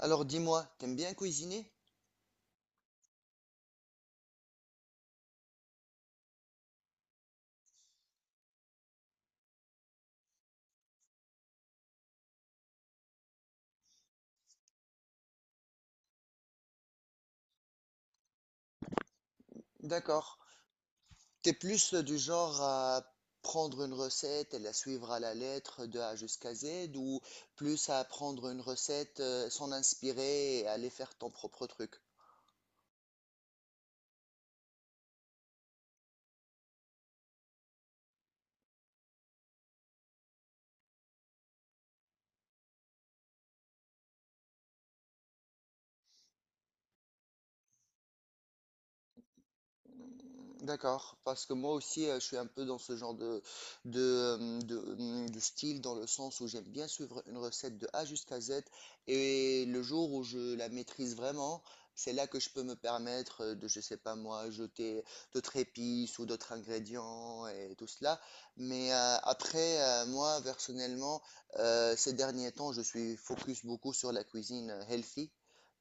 Alors dis-moi, t'aimes bien cuisiner? D'accord. T'es plus du genre à prendre une recette et la suivre à la lettre de A jusqu'à Z ou plus à prendre une recette, s'en inspirer et aller faire ton propre truc? D'accord, parce que moi aussi je suis un peu dans ce genre de style dans le sens où j'aime bien suivre une recette de A jusqu'à Z et le jour où je la maîtrise vraiment, c'est là que je peux me permettre je sais pas moi, jeter d'autres épices ou d'autres ingrédients et tout cela. Mais après, moi personnellement, ces derniers temps, je suis focus beaucoup sur la cuisine healthy.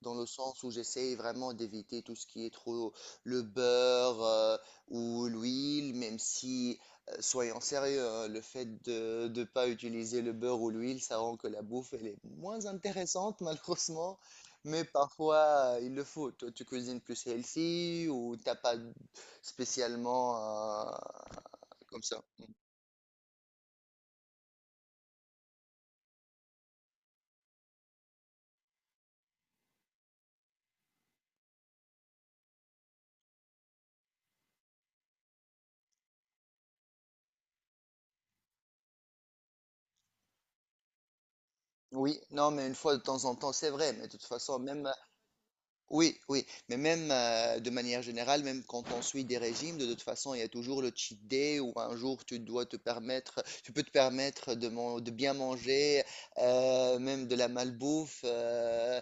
Dans le sens où j'essaye vraiment d'éviter tout ce qui est trop le beurre, ou l'huile, même si, soyons sérieux, hein, le fait de ne pas utiliser le beurre ou l'huile, ça rend que la bouffe, elle est moins intéressante, malheureusement. Mais parfois, il le faut. Toi, tu cuisines plus healthy ou t'as pas spécialement euh, comme ça. Oui, non, mais une fois de temps en temps, c'est vrai. Mais de toute façon, même. Oui, oui, mais même de manière générale, même quand on suit des régimes, de toute façon, il y a toujours le cheat day où un jour tu dois te permettre, tu peux te permettre de bien manger, même de la malbouffe, euh,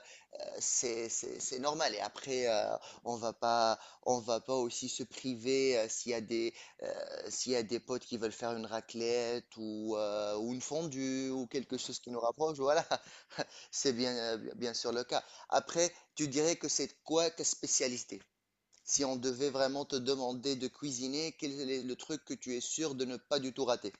c'est, c'est, c'est normal. Et après, on va pas, on va pas aussi se priver s'il y a des, euh, potes qui veulent faire une raclette ou une fondue ou quelque chose qui nous rapproche, voilà. C'est bien, bien sûr le cas. Après, tu dirais que c'est quoi ta spécialité? Si on devait vraiment te demander de cuisiner, quel est le truc que tu es sûr de ne pas du tout rater?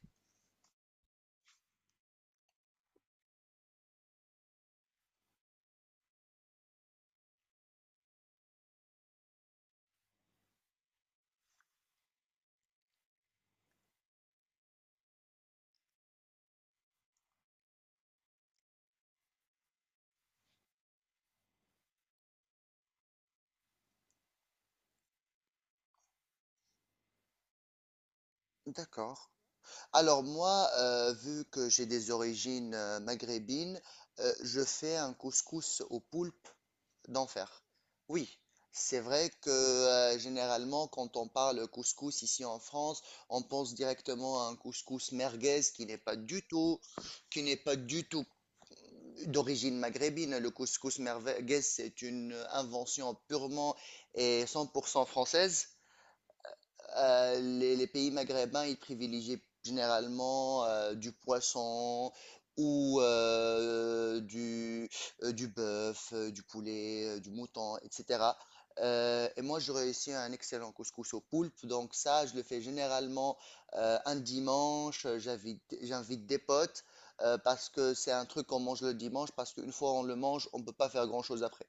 D'accord. Alors moi, vu que j'ai des origines maghrébines, je fais un couscous au poulpe d'enfer. Oui, c'est vrai que généralement, quand on parle couscous ici en France, on pense directement à un couscous merguez qui n'est pas du tout d'origine maghrébine. Le couscous merveilleux, c'est une invention purement et 100% française. Les les, pays maghrébins, ils privilégient généralement du poisson ou euh, du, du bœuf, du poulet, du mouton, etc. Et moi, je réussis un excellent couscous au poulpe. Donc ça, je le fais généralement un dimanche. J'invite des potes parce que c'est un truc qu'on mange le dimanche parce qu'une fois on le mange, on ne peut pas faire grand-chose après.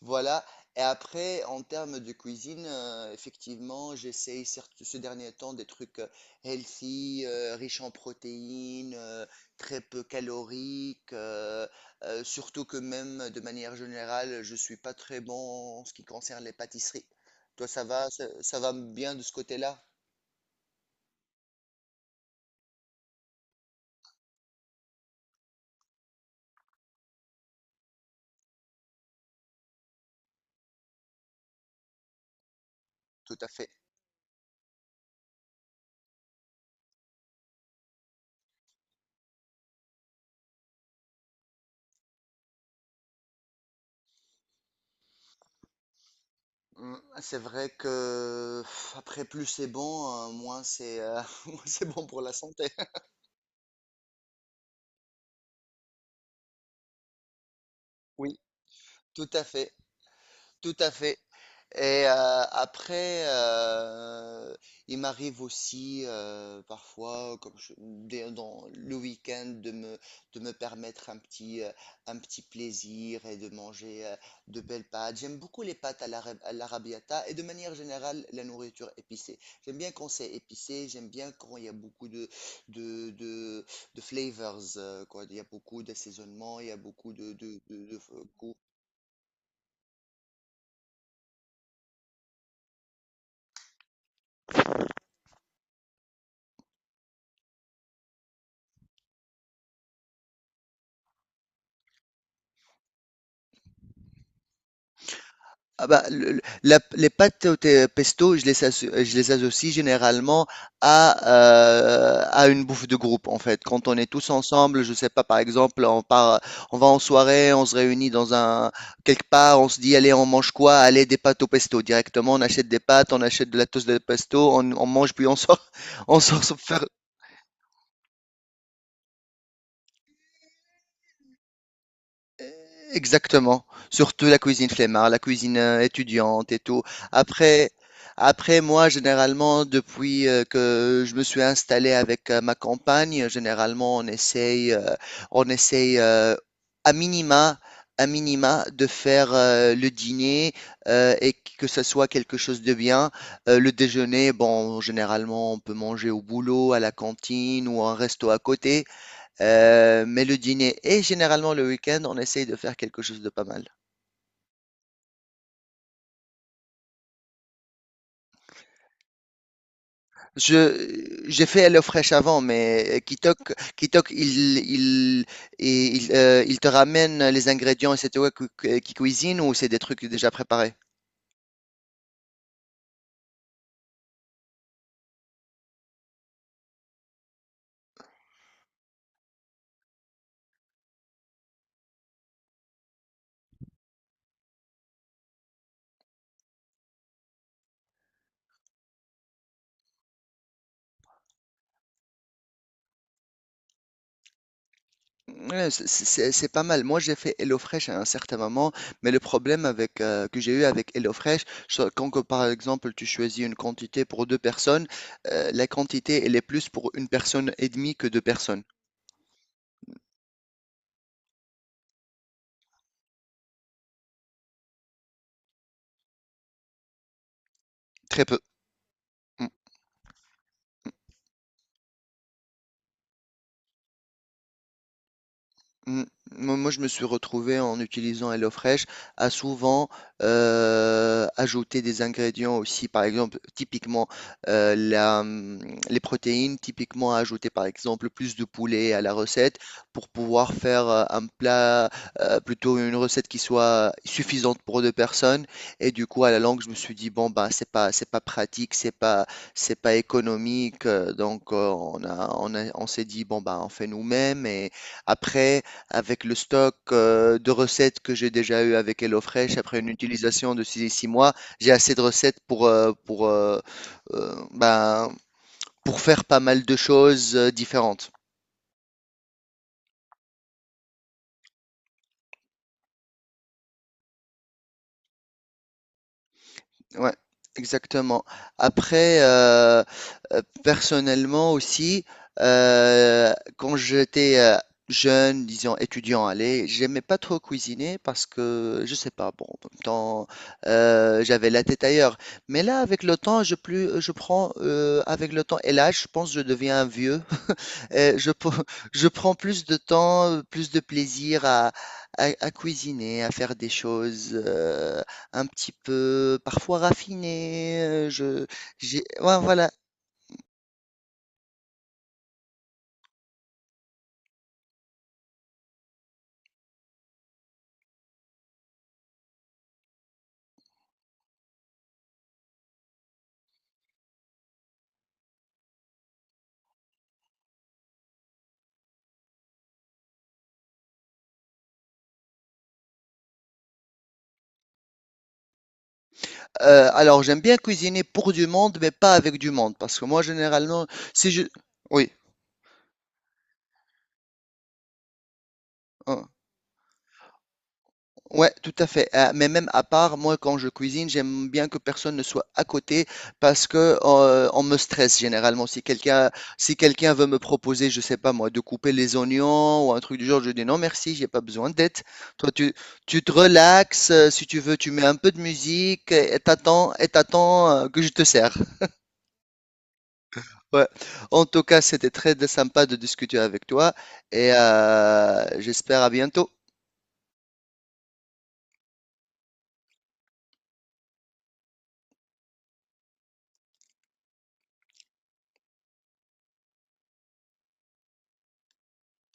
Voilà. Et après, en termes de cuisine, effectivement, j'essaye certes ce dernier temps des trucs healthy, riches en protéines, très peu caloriques, surtout que même de manière générale, je suis pas très bon en ce qui concerne les pâtisseries. Toi, ça va, ça va bien de ce côté-là? Tout à fait. Mm, C'est vrai que pff, après plus c'est bon, moins c'est moins c'est bon pour la santé. Oui, tout à fait, tout à fait. Et après, il m'arrive aussi parfois, comme dans le week-end, de me permettre un petit plaisir et de manger de belles pâtes. J'aime beaucoup les pâtes à l'arrabbiata et de manière générale la nourriture épicée. J'aime bien quand c'est épicé, j'aime bien quand il y a beaucoup de, de, de flavors, quoi. Il y a beaucoup d'assaisonnement, il y a beaucoup de. Ah bah, les pâtes pesto, je les associe généralement à une bouffe de groupe, en fait. Quand on est tous ensemble, je sais pas, par exemple, on part, on va en soirée, on se réunit dans un, quelque part, on se dit, allez, on mange quoi? Allez, des pâtes au pesto. Directement, on achète des pâtes, on achète de la toast de pesto, on mange, puis on sort, on sort se faire. Exactement. Surtout la cuisine flemmard, la cuisine étudiante et tout. Après, après moi, généralement, depuis que je me suis installé avec ma compagne, généralement, on essaye à minima, à minima de faire le dîner et que ce soit quelque chose de bien. Le déjeuner, bon, généralement, on peut manger au boulot, à la cantine ou à un resto à côté. Mais le dîner et généralement le week-end, on essaye de faire quelque chose de pas mal. J'ai fait HelloFresh avant, mais Kitok, il te ramène les ingrédients et c'est toi qui cuisine ou c'est des trucs déjà préparés? Ouais, c'est pas mal. Moi, j'ai fait HelloFresh à un certain moment, mais le problème avec, que j'ai eu avec HelloFresh, c'est quand que, par exemple tu choisis une quantité pour deux personnes, la quantité elle est plus pour une personne et demie que deux personnes. Très peu. Mm. Moi, je me suis retrouvé en utilisant HelloFresh à souvent ajouter des ingrédients aussi, par exemple, typiquement euh, la, hum, les protéines, typiquement à ajouter par exemple plus de poulet à la recette pour pouvoir faire un plat, plutôt une recette qui soit suffisante pour deux personnes. Et du coup, à la longue, je me suis dit, bon, bah, c'est pas pratique, c'est pas économique. Donc, on s'est dit, bon, bah, on fait nous-mêmes et. Après, avec le stock de recettes que j'ai déjà eu avec HelloFresh, après une utilisation de six mois, j'ai assez de recettes ben, pour faire pas mal de choses différentes. Ouais, exactement. Après, personnellement aussi, quand j'étais jeune, disons étudiant, allez, j'aimais pas trop cuisiner parce que, je sais pas, bon, en même temps, j'avais la tête ailleurs. Mais là, avec le temps, je prends, avec le temps et l'âge, je pense que je deviens un vieux. Et je prends plus de temps, plus de plaisir à, à cuisiner, à faire des choses. Un petit peu parfois raffiné, je j'ai ouais, voilà. Alors j'aime bien cuisiner pour du monde, mais pas avec du monde, parce que moi généralement si je oui, hein. Ouais, tout à fait. Mais même à part, moi, quand je cuisine, j'aime bien que personne ne soit à côté parce que on me stresse généralement. Si quelqu'un veut me proposer, je sais pas moi, de couper les oignons ou un truc du genre, je dis non merci, j'ai pas besoin d'aide. Toi, tu te relaxes. Si tu veux, tu mets un peu de musique et et t'attends que je te sers. Ouais. En tout cas, c'était très sympa de discuter avec toi et j'espère à bientôt.